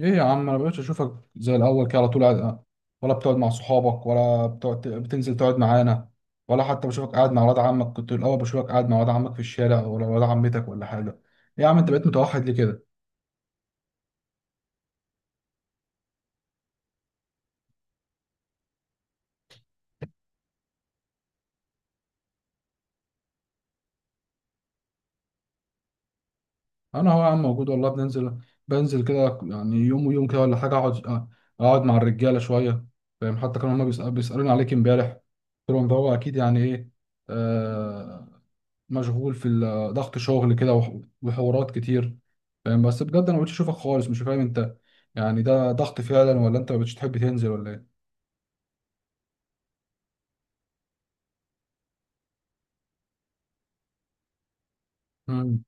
ايه يا عم، انا مبقتش اشوفك زي الاول كده، على طول ولا بتقعد مع صحابك، ولا بتقعد بتنزل تقعد معانا، ولا حتى بشوفك قاعد مع ولاد عمك. كنت الاول بشوفك قاعد مع ولاد عمك في الشارع، ولا ولاد عمتك، ولا حاجه. ايه يا عم، انت بقيت متوحد ليه كده؟ انا هو يا عم موجود والله، بنزل كده يعني، يوم ويوم كده ولا حاجه، اقعد مع الرجاله شويه. فاهم؟ حتى كانوا هما بيسالوني عليك امبارح، قلت لهم ده هو اكيد يعني ايه، آه، مشغول في ال- آه، ضغط شغل كده، وحوارات كتير. فاهم؟ بس بجد انا مبقتش اشوفك خالص، مش فاهم انت يعني ده ضغط فعلا ولا انت مبقتش تحب تنزل ولا ايه؟ مم.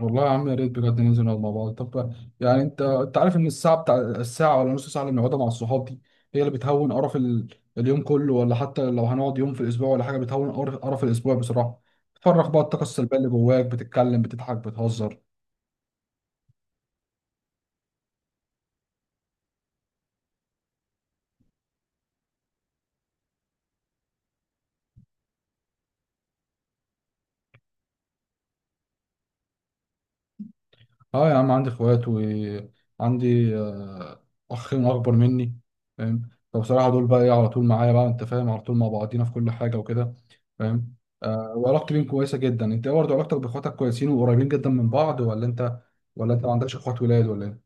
والله يا عم، يا ريت بجد ننزل نقعد مع بعض. طب يعني، انت عارف ان الساعه ولا نص ساعه اللي بنقعدها مع الصحاب دي، هي اللي بتهون قرف اليوم كله. ولا حتى لو هنقعد يوم في الاسبوع ولا حاجه، بتهون قرف الاسبوع بصراحه. بتفرغ بقى الطاقه السلبيه اللي جواك، بتتكلم، بتضحك، بتهزر. اه يا عم، عندي اخوات، وعندي اخين اكبر مني. فاهم؟ فبصراحه دول بقى، ايه، على طول معايا بقى. انت فاهم؟ على طول مع بعضينا في كل حاجه وكده. فاهم؟ وعلاقتي بيهم كويسه جدا. انت إيه برضه علاقتك باخواتك؟ كويسين وقريبين جدا من بعض؟ ولا انت ما عندكش اخوات ولاد، ولا ايه؟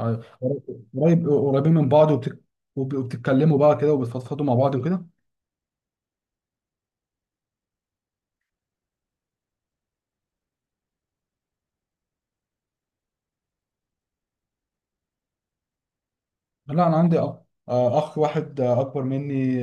آه، قريبين من بعض، وبتتكلموا بقى كده وبتفضفضوا مع بعض وكده. لا، انا عندي اخ واحد، اكبر مني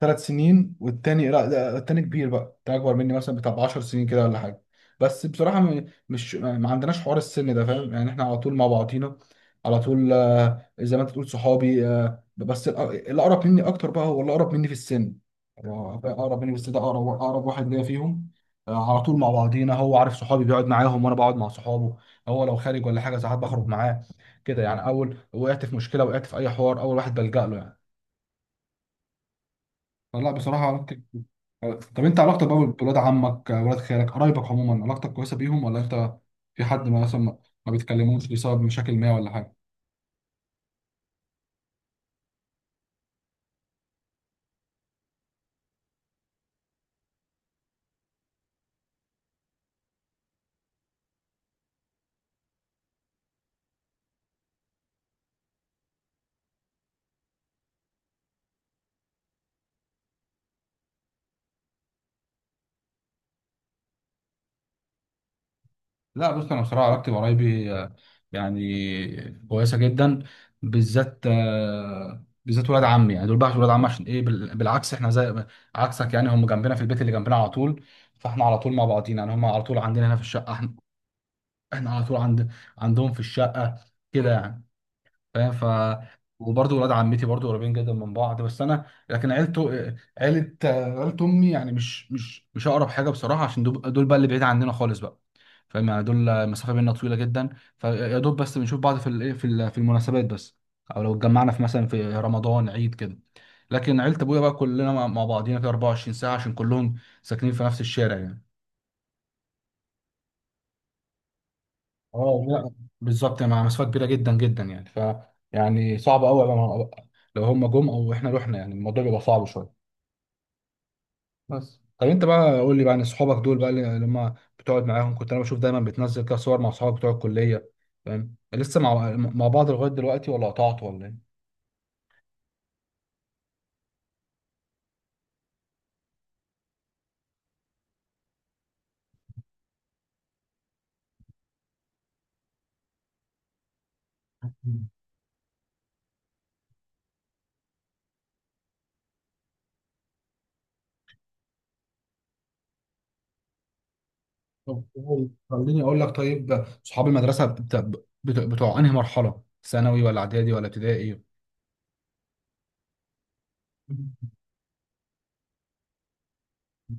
ثلاث سنين، والتاني لا، التاني كبير بقى. ده اكبر مني مثلا بتاع 10 سنين كده ولا حاجه. بس بصراحه مش، ما عندناش حوار السن ده، فاهم؟ يعني احنا على طول مع بعضينا. على طول، زي ما انت بتقول، صحابي. بس الاقرب مني اكتر بقى، هو الاقرب مني في السن. هو بقى اقرب مني في السن، ده اقرب واحد ليا فيهم. على طول مع بعضينا. هو عارف صحابي بيقعد معاهم، وانا بقعد مع صحابه. هو لو خارج ولا حاجه، ساعات بخرج معاه. كده يعني. اول وقعت في مشكله، وقعت في اي حوار، اول واحد بلجأ له يعني. فلا بصراحه. طب انت علاقتك بقى بولاد عمك، ولاد خالك، قرايبك عموما، علاقتك كويسه بيهم ولا انت في حد ما مثلا، ما بيتكلموش بسبب مشاكل ما ولا حاجه؟ لا، بص، انا بصراحه علاقتي بقرايبي يعني كويسه جدا. بالذات ولاد عمي، يعني دول بقى ولاد عمي. عشان ايه؟ بالعكس، احنا زي عكسك يعني. هم جنبنا في البيت اللي جنبنا على طول، فاحنا على طول مع بعضينا يعني. هم على طول عندنا هنا في الشقه، احنا على طول عندهم في الشقه كده يعني، فاهم؟ وبرضه ولاد عمتي برضه قريبين جدا من بعض. بس انا لكن عيله امي يعني، مش اقرب حاجه بصراحه. عشان دول بقى اللي بعيد عننا خالص بقى، فاهم؟ يعني دول المسافه بيننا طويله جدا، فيا دوب بس بنشوف بعض في الايه في ال- في المناسبات بس. او لو اتجمعنا في مثلا في رمضان، عيد كده. لكن عيله ابويا بقى، كلنا مع بعضينا كده 24 ساعه، عشان كلهم ساكنين في نفس الشارع يعني. اه لا، بالظبط يعني. مع مسافه كبيره جدا جدا يعني، يعني صعب قوي بقى. لو هم جم او احنا رحنا، يعني الموضوع بيبقى صعب شويه. بس طب، انت بقى قول لي بقى عن اصحابك دول بقى، اللي لما بتقعد معاهم كنت انا بشوف دايما بتنزل كده صور مع اصحابك بتوع الكليه. فاهم؟ لسه مع بعض لغايه دلوقتي، ولا قطعت ولا ايه؟ مم. طب خليني اقول لك طيب. اصحاب المدرسه بتوع انهي مرحله؟ ثانوي، ولا اعدادي، ولا ابتدائي؟ مم.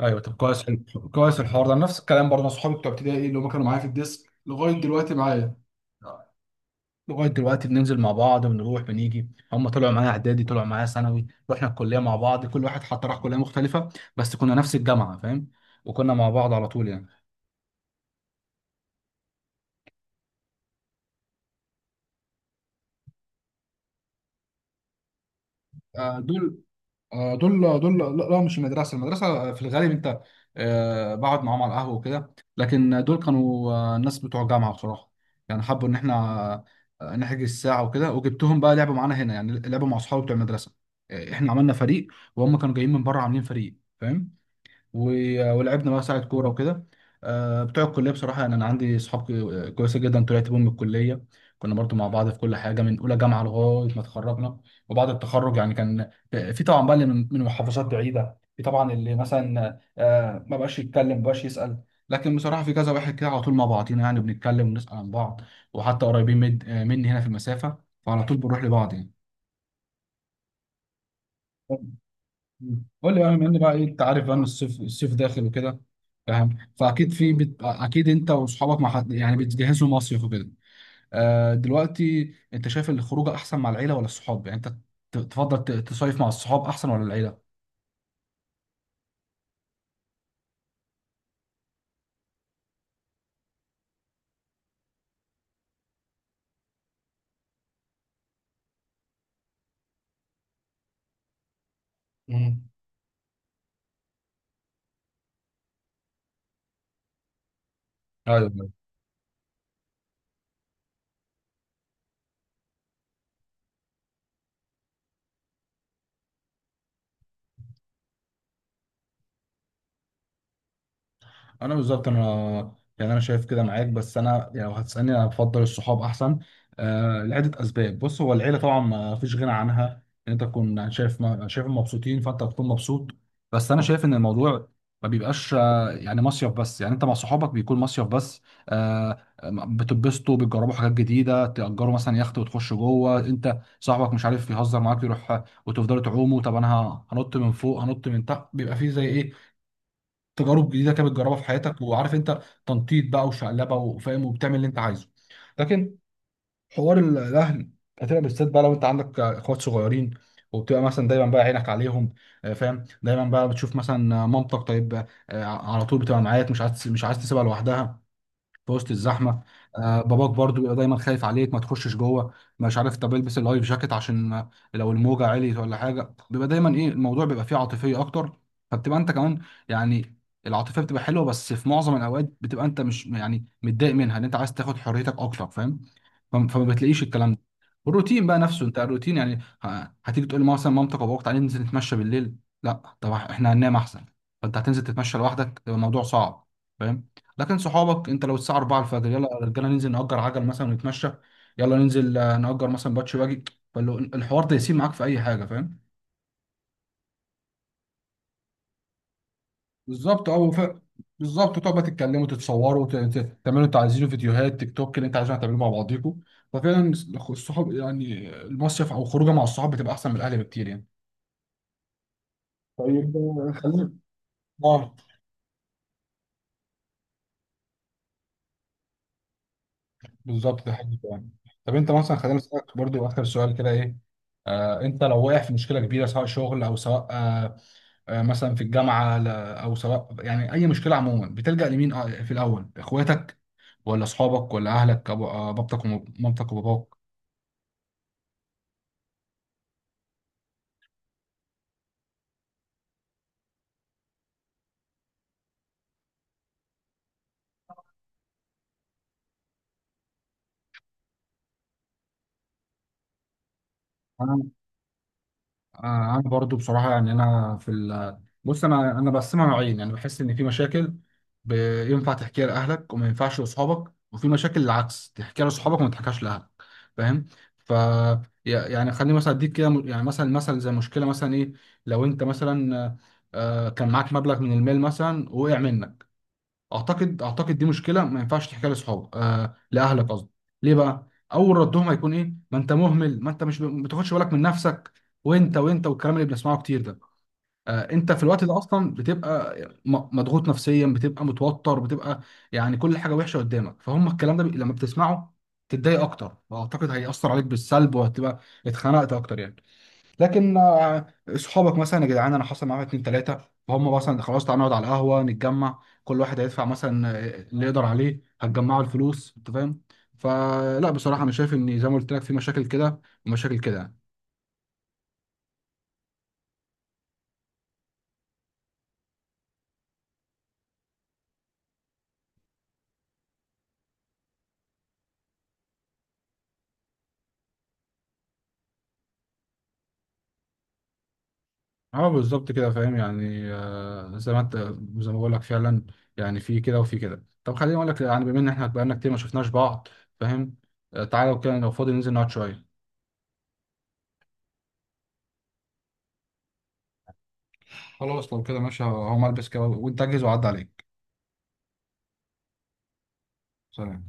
ايوه طب، كويس، حلو. كويس الحوار ده. نفس الكلام برضه، أنا صحابي بتوع ابتدائي اللي هم كانوا معايا في الديسك لغايه دلوقتي، معايا لغايه دلوقتي بننزل مع بعض، بنروح بنيجي. هم طلعوا معايا اعدادي، طلعوا معايا ثانوي، رحنا الكليه مع بعض. كل واحد حتى راح كليه مختلفه بس كنا نفس الجامعه، فاهم؟ وكنا مع بعض على طول يعني. دول، دول، لا لا، مش المدرسه. المدرسه في الغالب انت بقعد معاهم على القهوه وكده، لكن دول كانوا الناس بتوع جامعه بصراحه. يعني حبوا ان احنا نحجز ساعه وكده، وجبتهم بقى لعبوا معانا هنا، يعني لعبوا مع اصحابي بتوع المدرسه. احنا عملنا فريق وهم كانوا جايين من بره عاملين فريق، فاهم؟ ولعبنا بقى ساعة كورة وكده. بتوع الكلية بصراحة، يعني أنا عندي صحاب كويسة جدا طلعت بيهم من الكلية. كنا برضو مع بعض في كل حاجة من أولى جامعة لغاية ما اتخرجنا. وبعد التخرج، يعني كان في طبعا بقى اللي من محافظات بعيدة. في طبعا اللي مثلا ما بقاش يتكلم، ما بقاش يسأل. لكن بصراحة في كذا واحد كده على طول مع بعضينا، يعني بنتكلم ونسأل عن بعض. وحتى قريبين مني هنا في المسافة، فعلى طول بنروح لبعض يعني. مم. قول لي بقى، بما ان بقى انت عارف بقى ان الصيف داخل وكده، فاهم؟ فاكيد في اكيد انت واصحابك مع حد، يعني بتجهزوا مصيف وكده. دلوقتي انت شايف الخروجه احسن مع العيله ولا الصحاب؟ يعني انت تفضل تصيف مع الصحاب احسن، ولا العيله؟ مم. ايوه، انا يعني انا شايف كده معاك. بس انا يعني، لو هتسالني، انا بفضل الصحاب احسن لعده اسباب. بص هو العيله طبعا ما فيش غنى عنها، ان انت تكون شايف، ما شايفهم مبسوطين فانت بتكون مبسوط. بس انا شايف ان الموضوع ما بيبقاش يعني مصيف بس. يعني انت مع صحابك بيكون مصيف بس، آه بتتبسطوا، بتجربوا حاجات جديده، تأجروا مثلا يخت وتخشوا جوه. انت صاحبك مش عارف يهزر معاك، يروح وتفضلوا تعوموا. طب انا هنط من فوق، هنط من تحت، بيبقى فيه زي ايه، تجارب جديده كده بتجربها في حياتك، وعارف انت تنطيط بقى وشقلبه وفاهم، وبتعمل اللي انت عايزه. لكن، حوار الاهل. هتبقى بالذات بقى لو انت عندك اخوات صغيرين، وبتبقى مثلا دايما بقى عينك عليهم. فاهم؟ دايما بقى بتشوف مثلا مامتك، طيب، على طول بتبقى معاك، مش عايز تسيبها لوحدها في وسط الزحمه. باباك برضو بيبقى دايما خايف عليك، ما تخشش جوه، مش عارف، طب البس اللايف جاكيت عشان، لو الموجه عليت ولا حاجه، بيبقى دايما، ايه، الموضوع بيبقى فيه عاطفيه اكتر. فبتبقى انت كمان يعني العاطفيه بتبقى حلوه، بس في معظم الاوقات بتبقى انت مش يعني متضايق منها، ان انت عايز تاخد حريتك اكتر، فاهم؟ فما بتلاقيش الكلام ده. والروتين بقى نفسه انت، الروتين يعني، هتيجي تقول مثلا مامتك وابوك تعالى ننزل نتمشى بالليل، لا طب احنا هننام احسن، فانت هتنزل تتمشى لوحدك، يبقى الموضوع صعب، فاهم؟ لكن صحابك، انت لو الساعه 4 الفجر، يلا يا رجاله ننزل نأجر عجل مثلا ونتمشى. يلا ننزل نأجر مثلا باتش باجي. فالحوار ده يسيب معاك في اي حاجه، فاهم؟ بالظبط اه بالظبط تقعدوا بقى، تتكلموا، تتصوروا، تعملوا انتوا عايزينه، فيديوهات تيك توك اللي انت عايزينه هتعملوه مع بعضيكم. ففعلا، الصحاب يعني، المصيف او خروجه مع الصحاب، بتبقى احسن من الاهل بكتير يعني. طيب، خلينا. اه. بالظبط ده حقيقي يعني. طب، انت مثلا، خلينا نسالك برضو اخر سؤال كده، ايه، انت لو واقع في مشكله كبيره، سواء شغل، او سواء، مثلا في الجامعه، او سواء، يعني اي مشكله عموما، بتلجأ لمين؟ في الاول اخواتك، ولا اصحابك، ولا اهلك، بابتك، ومامتك، وباباك؟ آه، انا برضو بصراحه، يعني انا في ال بص انا بقسمها نوعين. يعني بحس ان في مشاكل ينفع تحكيها لاهلك وما ينفعش لاصحابك، وفي مشاكل العكس، تحكيها لاصحابك وما تحكيهاش لاهلك. فاهم؟ ف يعني خليني مثلا اديك كده يعني، مثلا زي مشكله مثلا، ايه، لو انت مثلا كان معاك مبلغ من المال مثلا، وقع منك. اعتقد دي مشكله ما ينفعش تحكيها لاصحابك، لاهلك قصدي. ليه بقى؟ اول ردهم هيكون، ايه، ما انت مهمل، ما انت مش ما بتاخدش بالك من نفسك، وانت والكلام اللي بنسمعه كتير ده. انت في الوقت ده اصلا بتبقى مضغوط نفسيا، بتبقى متوتر، بتبقى يعني كل حاجه وحشه قدامك. فهم الكلام ده لما بتسمعه تتضايق اكتر، واعتقد هيأثر عليك بالسلب، وهتبقى اتخنقت اكتر يعني. لكن صحابك مثلا، يا جدعان انا حصل معايا اتنين تلاته، فهم مثلا خلاص، تعالى نقعد على القهوه، نتجمع كل واحد هيدفع مثلا اللي يقدر عليه، هتجمعوا الفلوس. انت فاهم؟ فلا بصراحه، انا شايف ان زي ما قلت لك، في مشاكل كده ومشاكل كده يعني. اه بالظبط كده، فاهم؟ يعني زي ما بقول لك فعلا، يعني في كده وفي كده. طب خليني اقول لك، يعني بما ان احنا بقالنا كتير ما شفناش بعض، فاهم؟ تعالى لو كده، لو فاضي ننزل نقعد شويه. خلاص، لو كده ماشي، هقوم البس كده وانت اجهز وعدي عليك. سلام.